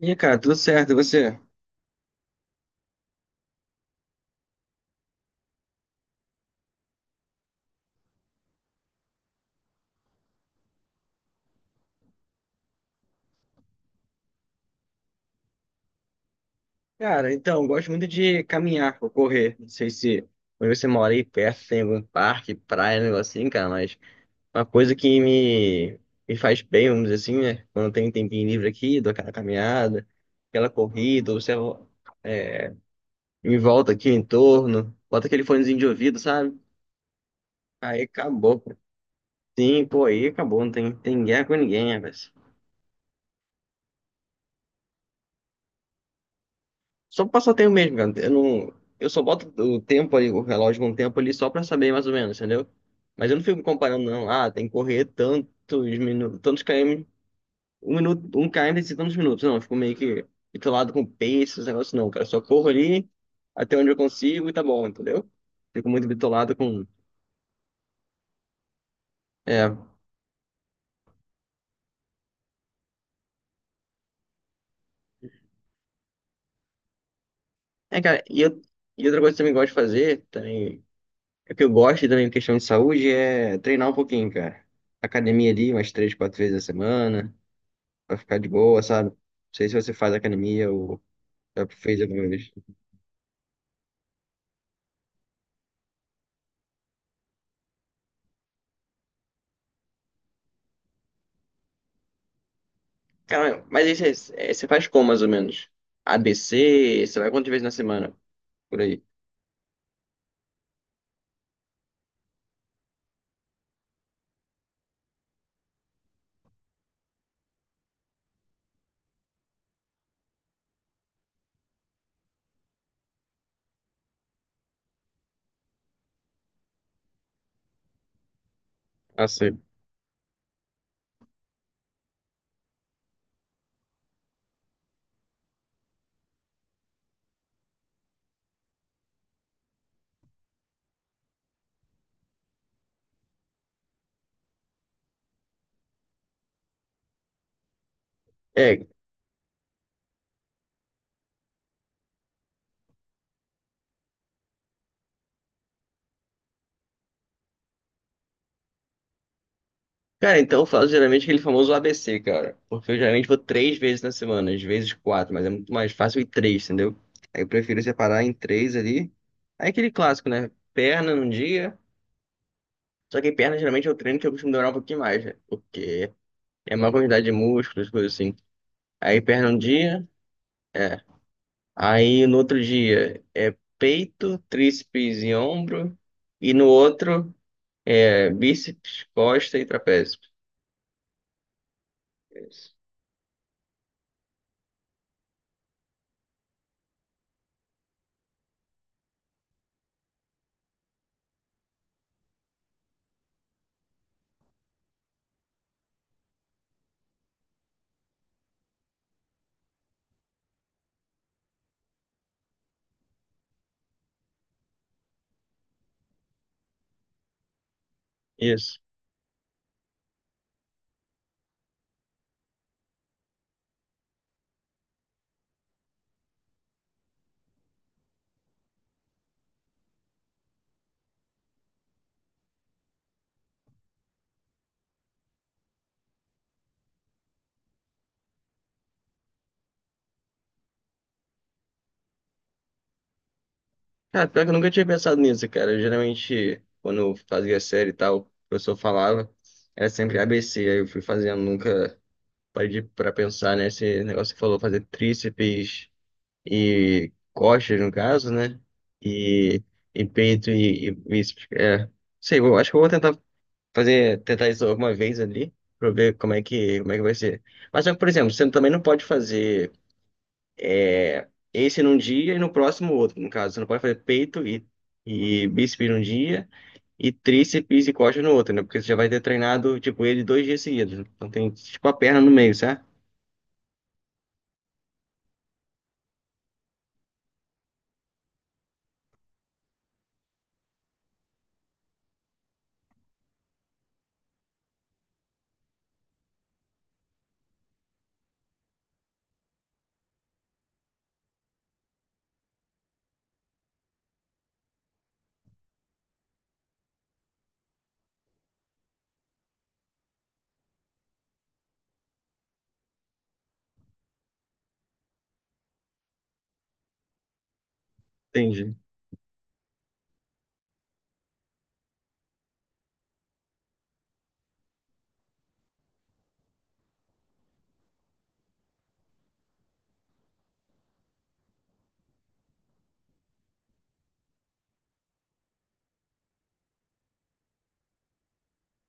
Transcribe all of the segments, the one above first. E aí, cara, tudo certo, e você? Cara, então, gosto muito de caminhar ou correr. Não sei se onde você mora aí perto tem algum parque, praia, um negócio assim, cara, mas uma coisa que me faz bem, vamos dizer assim, né? Quando eu tenho um tempinho livre aqui, dou aquela caminhada, aquela corrida, ou você me volta aqui em torno, bota aquele fonezinho de ouvido, sabe? Aí acabou, pô. Sim, pô, aí acabou, não tem guerra com ninguém, né, velho? Só passatempo mesmo, cara. Eu não, eu só boto o tempo ali, o relógio com o tempo ali só pra saber mais ou menos, entendeu? Mas eu não fico comparando, não. Ah, tem que correr tantos minutos, tantos km, um minuto, um km e tantos minutos. Não, eu fico meio que bitolado com pace, esses negócios não, cara. Eu só corro ali até onde eu consigo e tá bom, entendeu? Fico muito bitolado com. É, é, cara, e outra coisa que eu também gosto de fazer, também, é que eu gosto e também, em questão de saúde, é treinar um pouquinho, cara. Academia ali, umas 3, 4 vezes a semana. Vai ficar de boa, sabe? Não sei se você faz academia ou já fez alguma vez. Cara, mas isso aí, você faz como, mais ou menos? ABC? Você vai quantas vezes na semana? Por aí. Assim. É, cara, então eu faço geralmente aquele famoso ABC, cara. Porque eu geralmente vou 3 vezes na semana, às vezes quatro, mas é muito mais fácil ir três, entendeu? Aí eu prefiro separar em três ali. Aí aquele clássico, né? Perna num dia. Só que perna geralmente é o treino que eu costumo demorar um pouquinho mais, né? Porque é uma quantidade de músculos, coisas assim. Aí perna um dia. é, Aí no outro dia é peito, tríceps e ombro. E no outro é bíceps, costa e trapézio. Isso. Isso. Cara, pior que eu nunca tinha pensado nisso, cara. Eu, geralmente, quando eu fazia série e tal, o professor falava, era sempre ABC. Aí eu fui fazendo, nunca parei para pensar, nesse negócio que falou, fazer tríceps e costas, no caso, né? E, e peito e bíceps. É. Sei, eu acho que eu vou tentar fazer, tentar isso alguma vez ali, pra ver como é que vai ser. Mas só que, por exemplo, você também não pode fazer esse num dia e no próximo outro, no caso. Você não pode fazer peito e bíceps num dia e tríceps e coxa no outro, né? Porque você já vai ter treinado, tipo, ele 2 dias seguidos. Então tem, tipo, a perna no meio, sabe? Entendi.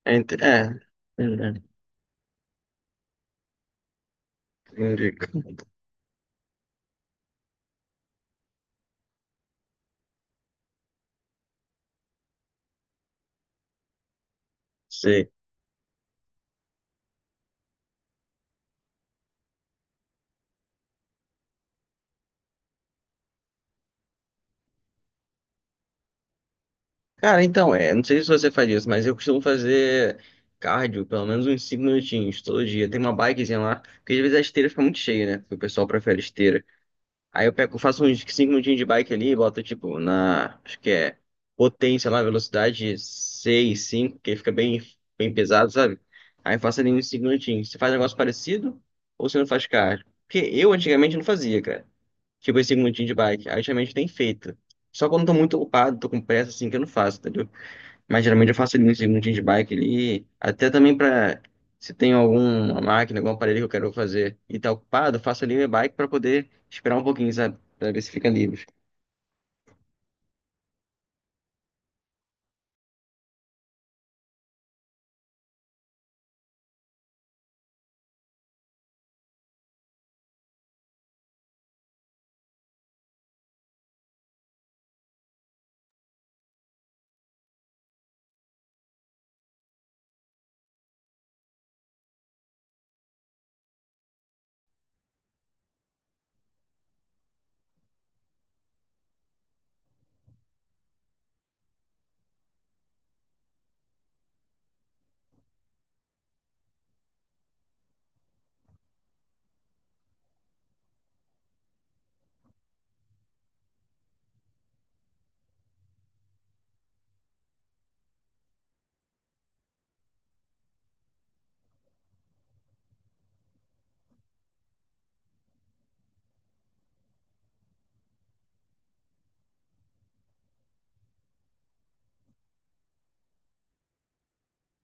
É, ent- é, entendi. Sei. Cara, então, não sei se você faz isso, mas eu costumo fazer cardio pelo menos uns 5 minutinhos todo dia. Tem uma bikezinha lá, porque às vezes a esteira fica muito cheia, né? Porque o pessoal prefere esteira. Aí eu pego, faço uns 5 minutinhos de bike ali e boto, tipo, na, acho que é potência lá, velocidade 6 5, que fica bem, bem pesado, sabe? Aí eu faço ali uns 5 minutinhos. Você faz um negócio parecido ou você não faz cardio? Porque eu antigamente não fazia, cara. Tipo, esses 5 minutinhos de bike. Aí ultimamente tem feito. Só quando eu tô muito ocupado, tô com pressa, assim, que eu não faço, entendeu? Mas geralmente eu faço ali uns segundinhos de bike ali. Até também pra. Se tem alguma máquina, algum aparelho que eu quero fazer e tá ocupado, eu faço ali minha bike pra poder esperar um pouquinho, sabe? Pra ver se fica livre.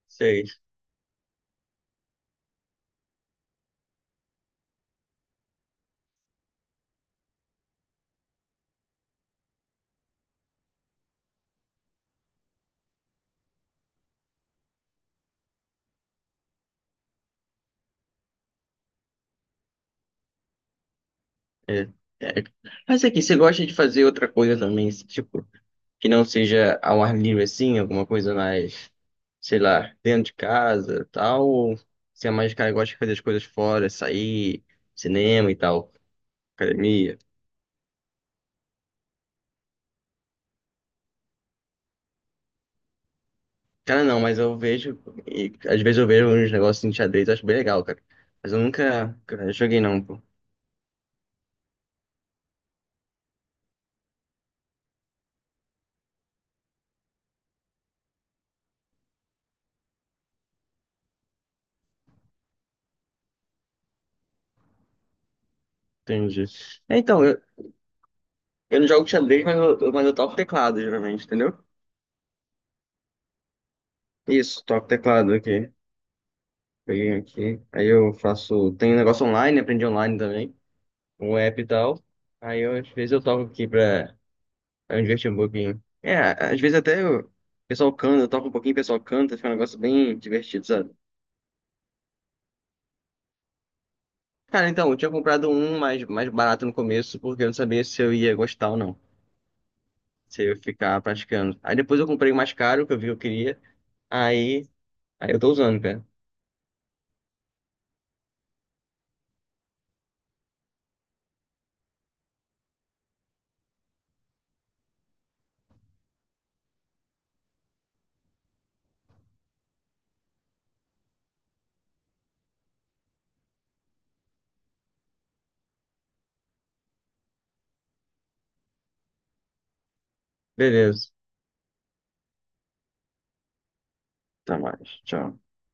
Sei. É. É. Mas aqui, você gosta de fazer outra coisa também, tipo, que não seja ao ar livre assim, alguma coisa mais, sei lá, dentro de casa, tal, ou você é mais cara que gosta de fazer as coisas fora, sair, cinema e tal, academia? Cara, não, mas eu vejo, e às vezes eu vejo uns negócios em xadrez, eu acho bem legal, cara. Mas eu nunca, cara, joguei não, pô. Entendi. É, então, eu não jogo xadrez, mas eu toco teclado, geralmente, entendeu? Isso, toco teclado aqui. Peguei aqui. Aí eu faço. Tem um negócio online, aprendi online também. Um app e tal. Aí eu, às vezes eu toco aqui pra me divertir um pouquinho. É, às vezes até o pessoal canta, eu toco um pouquinho, o pessoal canta, fica um negócio bem divertido, sabe? Cara, então, eu tinha comprado um mais barato no começo, porque eu não sabia se eu ia gostar ou não. Se eu ia ficar praticando. Aí depois eu comprei o mais caro, que eu vi que eu queria. Aí, aí, eu tô usando, cara. Beleza. Até mais. Tchau.